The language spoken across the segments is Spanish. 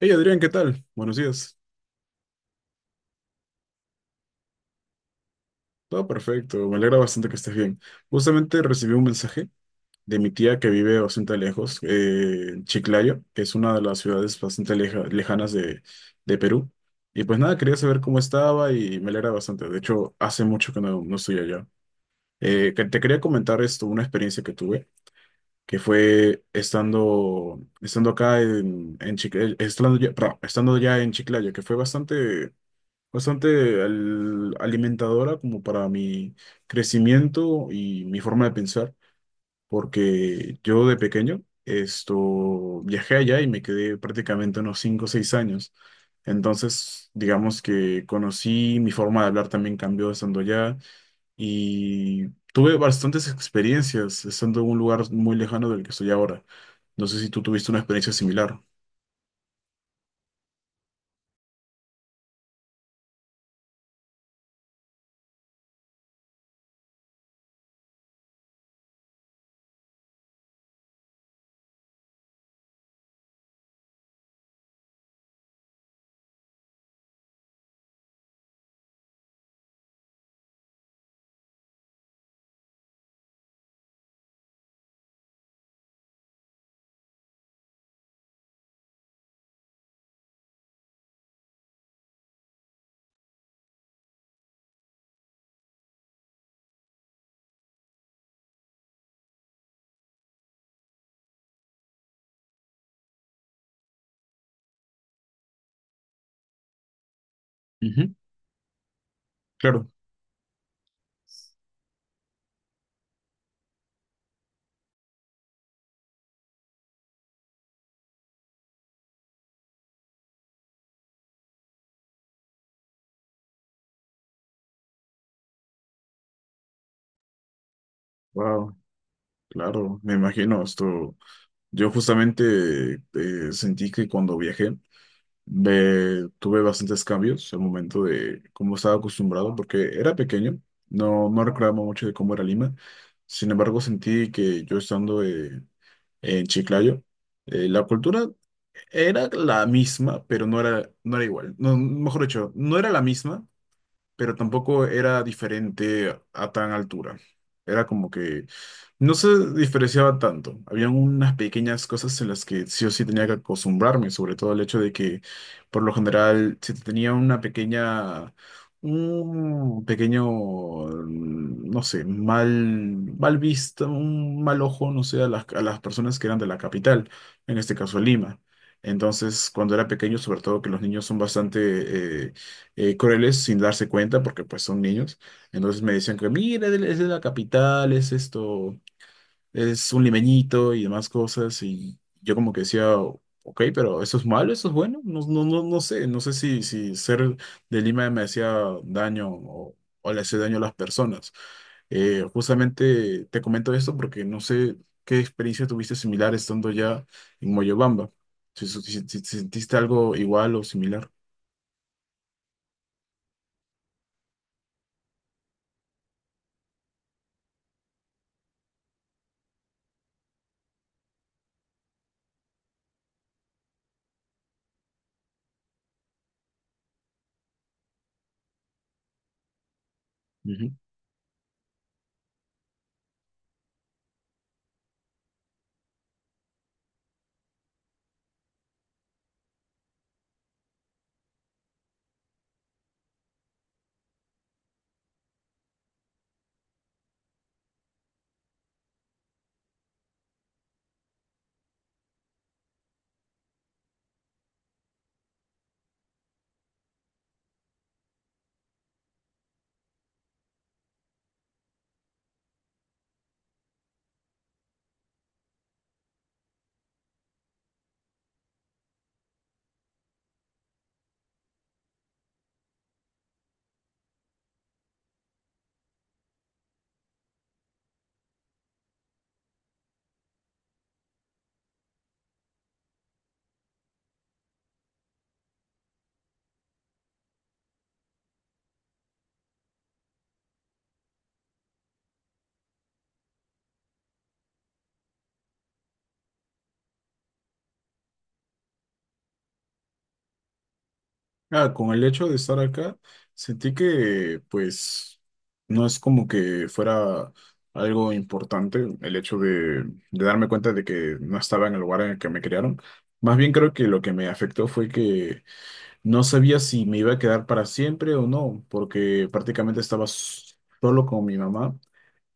Hey Adrián, ¿qué tal? Buenos días. Todo perfecto, me alegra bastante que estés bien. Justamente recibí un mensaje de mi tía que vive bastante lejos, en Chiclayo, que es una de las ciudades bastante lejanas de Perú. Y pues nada, quería saber cómo estaba y me alegra bastante. De hecho, hace mucho que no estoy allá. Te quería comentar esto, una experiencia que tuve, que fue estando acá en Chiclayo, estando ya, perdón, estando ya en Chiclayo, que fue bastante alimentadora como para mi crecimiento y mi forma de pensar, porque yo de pequeño esto viajé allá y me quedé prácticamente unos 5 o 6 años. Entonces, digamos que conocí, mi forma de hablar también cambió estando allá y tuve bastantes experiencias estando en un lugar muy lejano del que estoy ahora. No sé si tú tuviste una experiencia similar. Ujú. Claro, wow, claro, me imagino esto. Yo justamente sentí que cuando viajé tuve bastantes cambios al momento de cómo estaba acostumbrado, porque era pequeño, no recordaba mucho de cómo era Lima. Sin embargo, sentí que yo estando en Chiclayo, la cultura era la misma, pero no era igual. No, mejor dicho, no era la misma, pero tampoco era diferente a tan altura. Era como que no se diferenciaba tanto. Habían unas pequeñas cosas en las que sí o sí tenía que acostumbrarme, sobre todo el hecho de que, por lo general, si tenía una pequeña, un pequeño, no sé, mal vista, un mal ojo, no sé, a a las personas que eran de la capital, en este caso Lima. Entonces, cuando era pequeño, sobre todo que los niños son bastante crueles sin darse cuenta porque pues son niños. Entonces me decían que, mira, él es de la capital, es esto, es un limeñito y demás cosas. Y yo como que decía, ok, pero ¿eso es malo? ¿Eso es bueno? No sé, no sé si ser de Lima me hacía daño o le hacía daño a las personas. Justamente te comento esto porque no sé qué experiencia tuviste similar estando ya en Moyobamba. Si sentiste algo igual o similar. Ah, con el hecho de estar acá, sentí que pues no es como que fuera algo importante el hecho de darme cuenta de que no estaba en el lugar en el que me criaron. Más bien creo que lo que me afectó fue que no sabía si me iba a quedar para siempre o no, porque prácticamente solo con mi mamá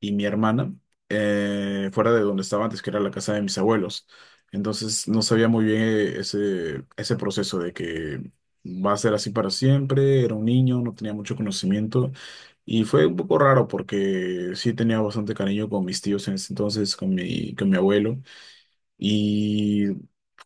y mi hermana fuera de donde estaba antes, que era la casa de mis abuelos. Entonces no sabía muy bien ese proceso de que va a ser así para siempre. Era un niño, no tenía mucho conocimiento y fue un poco raro porque sí tenía bastante cariño con mis tíos en ese entonces, con mi abuelo. Y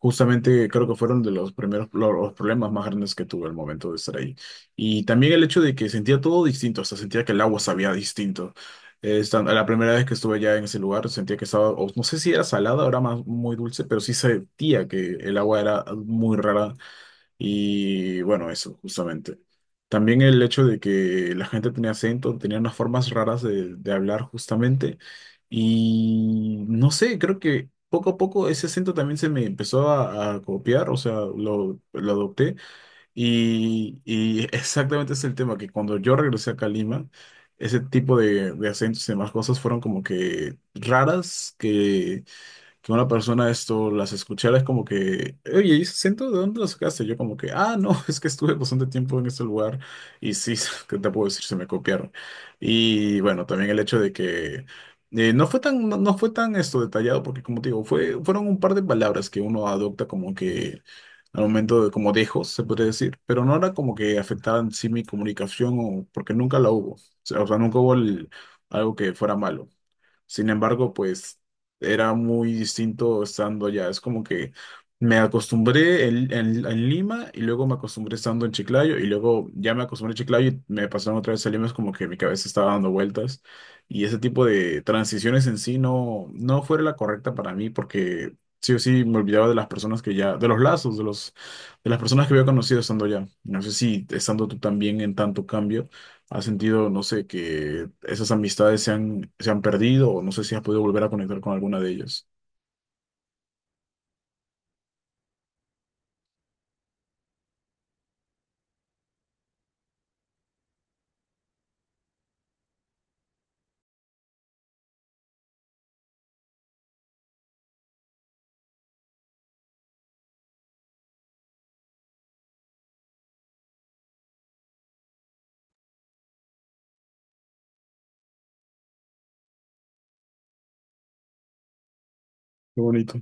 justamente creo que fueron de los primeros los problemas más grandes que tuve al momento de estar ahí. Y también el hecho de que sentía todo distinto, hasta sentía que el agua sabía distinto. La primera vez que estuve allá en ese lugar sentía que estaba, o no sé si era salada, ahora más muy dulce, pero sí sentía que el agua era muy rara y bueno, eso, justamente. También el hecho de que la gente tenía acento, tenía unas formas raras de hablar justamente. Y no sé, creo que poco a poco ese acento también se me empezó a copiar, o sea, lo adopté. Y exactamente es el tema, que cuando yo regresé acá a Lima, ese tipo de acentos y demás cosas fueron como que raras que una persona esto las escuchara, es como que, oye, ¿y ese acento de dónde lo sacaste? Yo como que, ah, no, es que estuve bastante tiempo en este lugar y sí, ¿qué te puedo decir? Se me copiaron. Y bueno, también el hecho de que no fue tan esto detallado, porque como te digo, fueron un par de palabras que uno adopta como que al momento de como dejos, se podría decir, pero no era como que afectaran sí mi comunicación o porque nunca la hubo. O sea, nunca hubo algo que fuera malo. Sin embargo, pues era muy distinto estando allá. Es como que me acostumbré en, en Lima y luego me acostumbré estando en Chiclayo y luego ya me acostumbré a Chiclayo y me pasaron otra vez a Lima. Es como que mi cabeza estaba dando vueltas y ese tipo de transiciones en sí no fue la correcta para mí porque sí o sí me olvidaba de las personas que ya, de los lazos, de las personas que había conocido estando allá. No sé si estando tú también en tanto cambio. ¿Has sentido, no sé, que esas amistades se han perdido o no sé si has podido volver a conectar con alguna de ellas? Qué bonito.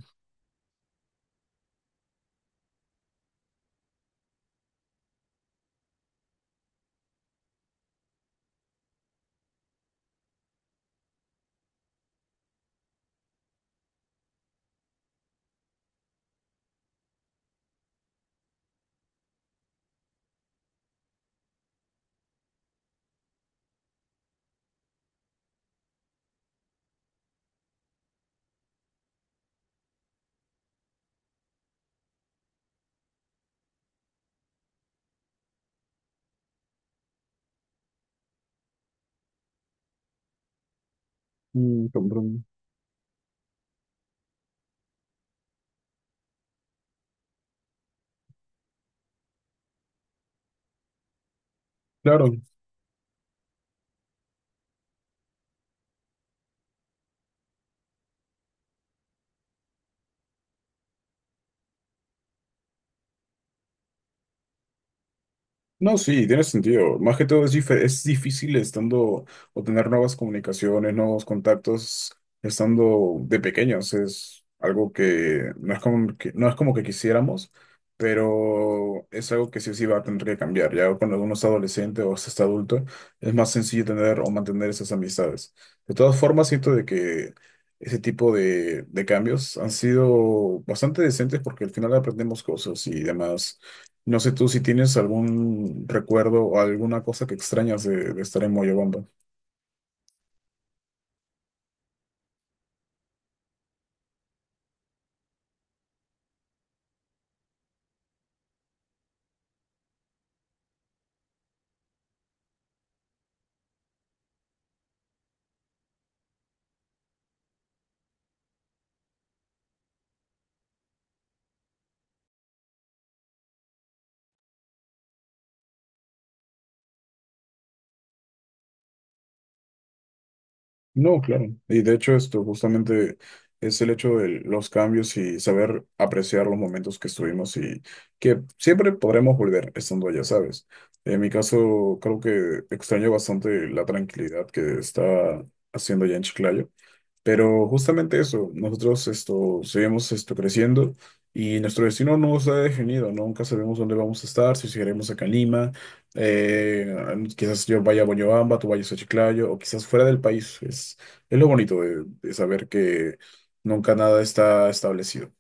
Mm, comprendo. Claro, no, sí, tiene sentido. Más que todo es, dife es difícil estando o tener nuevas comunicaciones, nuevos contactos, estando de pequeños. Es algo que no es como que, no es como que quisiéramos, pero es algo que sí o sí va a tener que cambiar. Ya cuando uno es adolescente o se está adulto, es más sencillo tener o mantener esas amistades. De todas formas, siento de que ese tipo de cambios han sido bastante decentes porque al final aprendemos cosas y demás. No sé tú si tienes algún recuerdo o alguna cosa que extrañas de estar en Moyobamba. No, claro. Y de hecho esto justamente es el hecho de los cambios y saber apreciar los momentos que estuvimos y que siempre podremos volver estando allá, ¿sabes? En mi caso creo que extraño bastante la tranquilidad que está haciendo allá en Chiclayo. Pero justamente eso, nosotros esto, seguimos esto creciendo y nuestro destino no está definido, ¿no? Nunca sabemos dónde vamos a estar, si seguiremos acá en Lima, eh, quizás yo vaya a Boñobamba, tú vayas a Chiclayo, o quizás fuera del país. Es lo bonito de saber que nunca nada está establecido.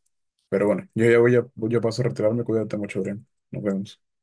Pero bueno, yo ya voy a paso a retirarme, cuídate mucho, Adrián. Nos vemos.